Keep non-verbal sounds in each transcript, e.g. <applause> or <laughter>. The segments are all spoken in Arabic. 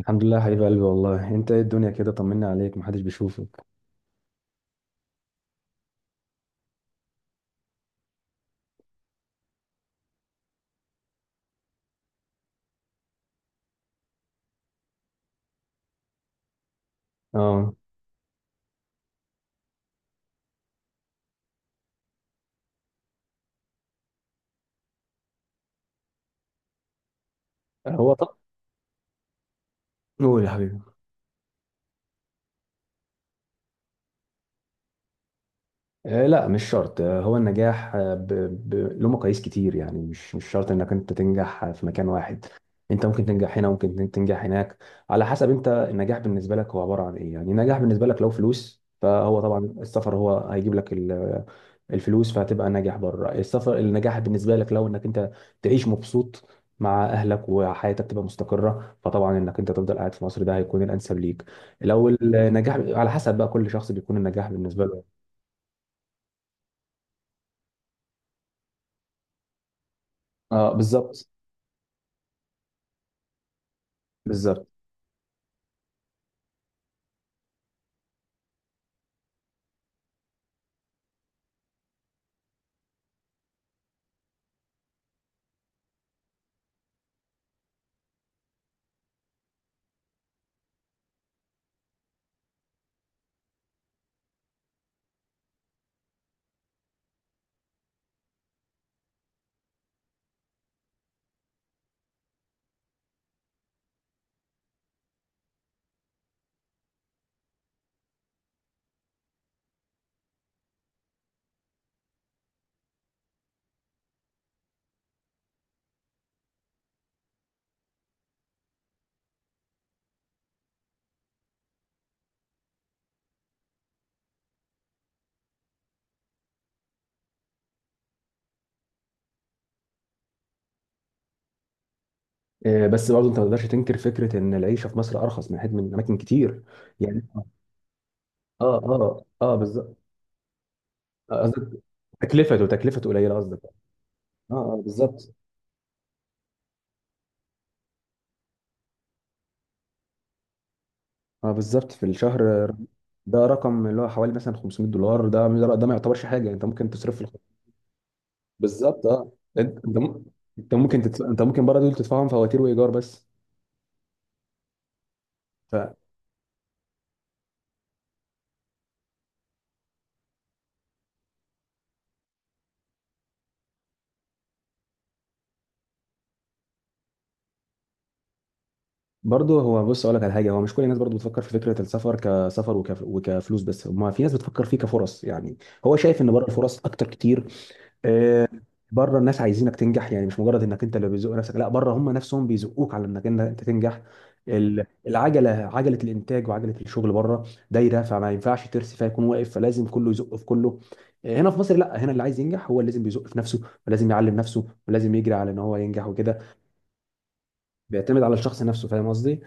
الحمد لله يا حبيب قلبي، والله انت ايه الدنيا كده؟ طمنا عليك، محدش بيشوفك. اه، هو طب قول يا حبيبي. لا مش شرط. هو النجاح، له مقاييس كتير، يعني مش شرط انك انت تنجح في مكان واحد. انت ممكن تنجح هنا، ممكن تنجح هناك، على حسب. انت النجاح بالنسبه لك هو عباره عن ايه؟ يعني النجاح بالنسبه لك لو فلوس، فهو طبعا السفر هو هيجيب لك الفلوس، فهتبقى ناجح بره. السفر، النجاح بالنسبه لك لو انك انت تعيش مبسوط مع اهلك وحياتك تبقى مستقره، فطبعا انك انت تفضل قاعد في مصر ده هيكون الانسب ليك. لو النجاح على حسب بقى كل شخص بيكون النجاح بالنسبه له. اه بالظبط. بالظبط. بس برضه انت ما تقدرش تنكر فكره ان العيشه في مصر ارخص، من حيث من اماكن كتير. يعني اه. اه بالظبط. قصدك تكلفته، تكلفته قليله، قصدك. اه بالظبط. اه بالظبط، في الشهر. ده رقم اللي هو حوالي مثلا $500. ده ده ما يعتبرش حاجه، انت ممكن تصرف بالظبط. اه انت، انت ممكن تدفع، انت ممكن برضه دول تدفعهم فواتير وايجار بس. برضه هو بص، اقول لك على حاجه. هو مش كل الناس برضه بتفكر في فكره السفر كسفر وكفلوس بس. ما في ناس بتفكر فيه كفرص يعني. هو شايف ان بره الفرص اكتر كتير. آه، بره الناس عايزينك تنجح، يعني مش مجرد انك انت اللي بيزق نفسك، لا، بره هم نفسهم بيزقوك على انك إن انت تنجح. العجله، عجله الانتاج وعجله الشغل بره دايره، فما ينفعش ترسي فيكون واقف، فلازم كله يزق في كله. هنا في مصر لا، هنا اللي عايز ينجح هو اللي لازم بيزق في نفسه، ولازم يعلم نفسه، ولازم يجري على ان هو ينجح وكده. بيعتمد على الشخص نفسه، فاهم قصدي؟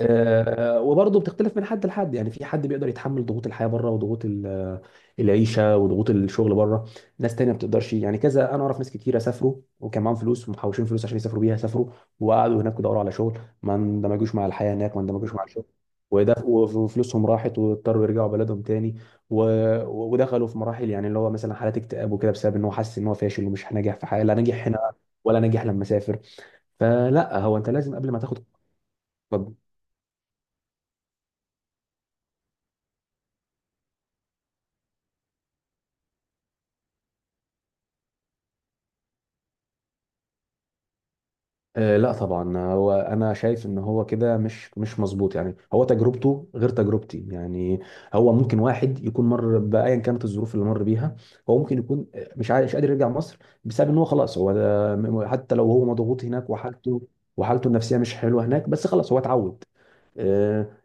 وبرضه بتختلف من حد لحد. يعني في حد بيقدر يتحمل ضغوط الحياه بره، وضغوط العيشه، وضغوط الشغل بره. ناس تانية ما بتقدرش، يعني كذا. انا اعرف ناس كتيره سافروا وكان معاهم فلوس، ومحوشين فلوس عشان يسافروا بيها، سافروا وقعدوا هناك ودوروا على شغل، ما اندمجوش مع الحياه هناك، ما اندمجوش مع الشغل، وده وفلوسهم راحت، واضطروا يرجعوا بلدهم تاني. و... ودخلوا في مراحل، يعني اللي هو مثلا حالات اكتئاب وكده، بسبب ان هو حاسس ان هو فاشل ومش ناجح في حاجه، لا ناجح هنا ولا ناجح لما سافر. فلا، هو انت لازم قبل ما تاخد. لا طبعا، هو انا شايف ان هو كده مش مظبوط. يعني هو تجربته غير تجربتي، يعني هو ممكن واحد يكون مر بايا كانت الظروف اللي مر بيها. هو ممكن يكون مش قادر يرجع مصر، بسبب ان هو خلاص، هو حتى لو هو مضغوط هناك، وحالته النفسيه مش حلوه هناك، بس خلاص هو اتعود. آه،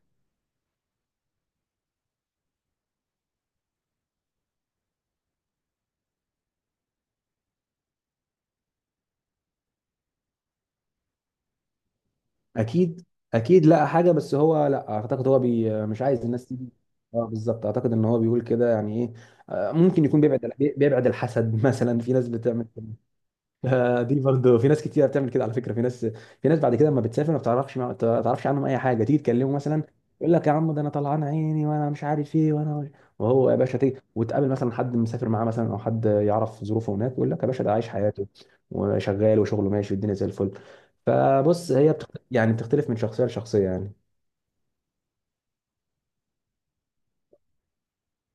اكيد اكيد لقى حاجه، بس هو لا، اعتقد هو بي مش عايز الناس تيجي. اه بالظبط، اعتقد ان هو بيقول كده، يعني ايه، ممكن يكون بيبعد الحسد <laughs> مثلا، في ناس بتعمل كده. دي برضه في ناس كتير بتعمل كده على فكره. في ناس بعد كده لما بتسافر ما بتعرفش عنهم اي حاجه، تيجي تكلمه مثلا يقول لك يا عم ده انا طلعان عيني وانا مش عارف ايه وانا. وهو يا باشا تيجي وتقابل مثلا حد مسافر معاه، مثلا، او حد يعرف ظروفه هناك، يقول لك يا باشا ده عايش حياته وشغال وشغله ماشي والدنيا زي الفل. فبص، يعني بتختلف من شخصيه لشخصيه يعني.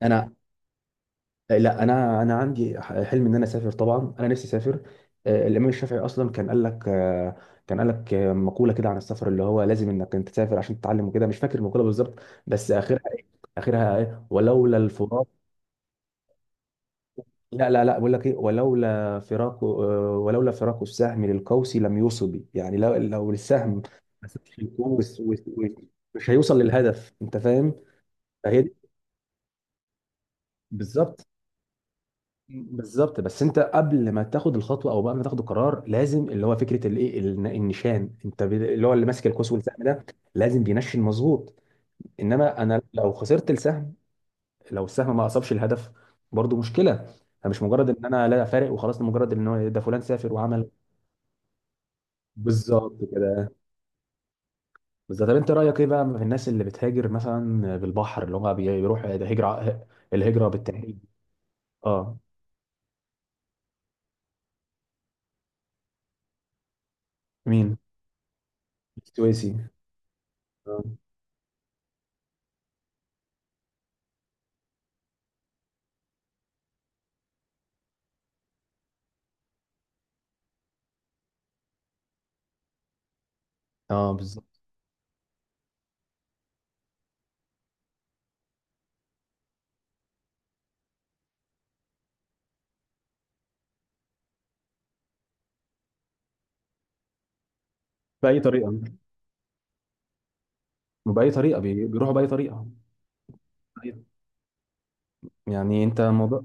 انا لا، انا انا عندي حلم ان انا اسافر، طبعا انا نفسي اسافر. الامام الشافعي اصلا كان قال لك، مقوله كده عن السفر، اللي هو لازم انك انت تسافر عشان تتعلم وكده. مش فاكر المقوله بالظبط، بس اخرها ايه، اخرها ايه، ولولا الفراق. لا لا لا، بقول لك ايه، ولولا فراق السهم للقوس لم يصب. يعني لو لو السهم ما سابش القوس مش هيوصل للهدف، انت فاهم؟ فهي دي، بالظبط. بالظبط، بس انت قبل ما تاخد الخطوه او قبل ما تاخد القرار، لازم اللي هو فكره النشان، اللي هو اللي ماسك القوس والسهم ده لازم بينشن مظبوط. انما انا لو خسرت السهم، لو السهم ما اصابش الهدف، برضو مشكله. فمش مجرد ان انا لا، فارق وخلاص، ده مجرد ان هو ده فلان سافر وعمل. بالظبط كده. بالظبط. طب انت رايك ايه بقى في الناس اللي بتهاجر مثلا بالبحر، اللي هم بيروحوا، ده هجره، الهجره بالتهريب. اه. مين؟ السويسي؟ اه. اه بالظبط. باي طريقه، وبأي طريقة بيروحوا، بأي طريقة. أيوة. يعني أنت الموضوع.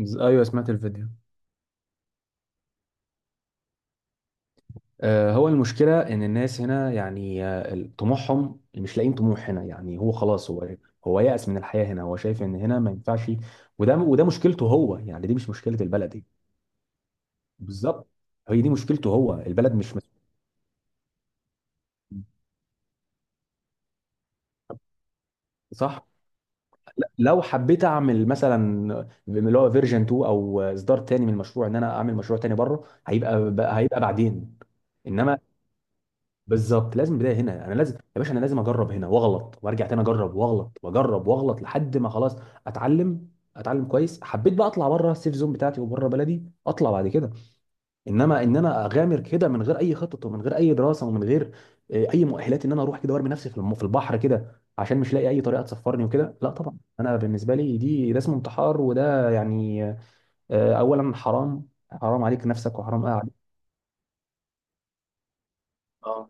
أيوه سمعت الفيديو. آه، هو المشكلة إن الناس هنا يعني، طموحهم مش لاقيين طموح هنا. يعني هو خلاص، هو يأس من الحياة هنا، هو شايف إن هنا ما ينفعش. وده مشكلته هو يعني، دي مش مشكلة البلد دي. بالظبط. هي دي مشكلته هو، البلد مش مس... صح. لا، لو حبيت اعمل مثلا اللي هو فيرجن 2، او اصدار تاني من المشروع، ان انا اعمل مشروع تاني بره، هيبقى، هيبقى بعدين. انما بالظبط لازم بدايه هنا. انا لازم يا باشا، انا لازم اجرب هنا واغلط وارجع تاني، اجرب واغلط، واجرب واغلط، لحد ما خلاص اتعلم، اتعلم كويس، حبيت بقى اطلع بره السيف زون بتاعتي وبره بلدي، اطلع بعد كده. انما ان انا اغامر كده من غير اي خطط، ومن غير اي دراسه، ومن غير اي مؤهلات، ان انا اروح كده وارمي نفسي في في البحر كده عشان مش لاقي اي طريقه تسفرني وكده، لا طبعا، انا بالنسبه لي دي ده اسمه انتحار، وده يعني اولا، حرام عليك نفسك، وحرام عليك.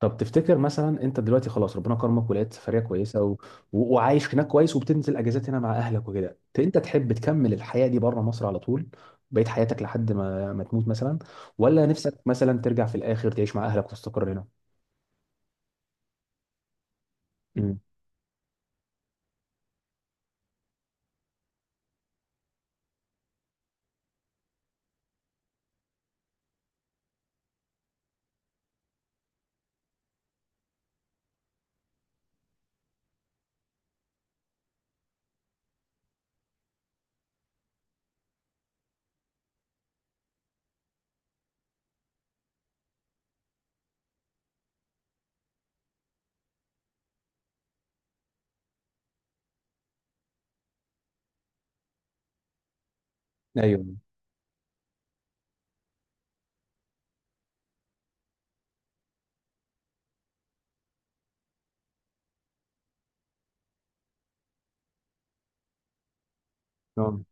طب تفتكر مثلا انت دلوقتي خلاص ربنا كرمك ولقيت سفريه كويسه، وعايش هناك كويس، وبتنزل اجازات هنا مع اهلك وكده، انت تحب تكمل الحياه دي بره مصر على طول، بقيت حياتك، لحد ما ما تموت مثلا، ولا نفسك مثلا ترجع في الاخر تعيش مع اهلك وتستقر هنا؟ امم. ايوه. آه.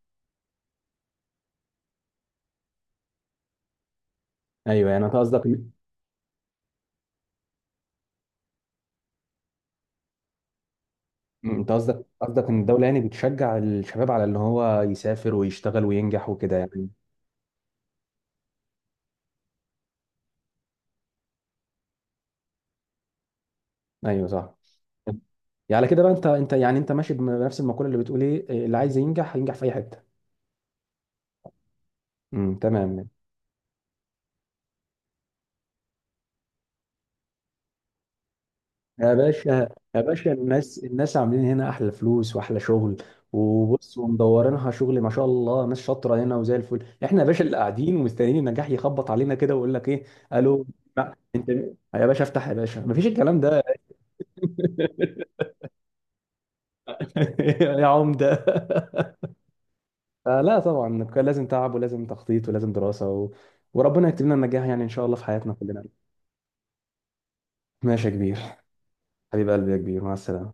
ايوه، يعني انت قصدك. مم. انت قصدك، قصدك ان الدوله يعني بتشجع الشباب على ان هو يسافر ويشتغل وينجح وكده يعني. ايوه صح. يعني على كده بقى، انت، انت ماشي بنفس المقوله اللي بتقول ايه، اللي عايز ينجح هينجح في اي حته. تمام. يا باشا، يا باشا الناس، الناس عاملين هنا احلى فلوس واحلى شغل، وبص ومدورينها شغل ما شاء الله، ناس شاطره هنا وزي الفل. احنا يا باشا اللي قاعدين ومستنيين النجاح يخبط علينا كده ويقول لك ايه، الو، لا انت مين؟ يا باشا افتح، يا باشا مفيش الكلام ده. <laughs> يا عمده. فلا طبعا، كان لازم تعب، ولازم تخطيط، ولازم دراسه، وربنا يكتب لنا النجاح، يعني ان شاء الله في حياتنا كلنا. ماشي يا كبير. حبيب قلبي يا كبير، مع السلامه.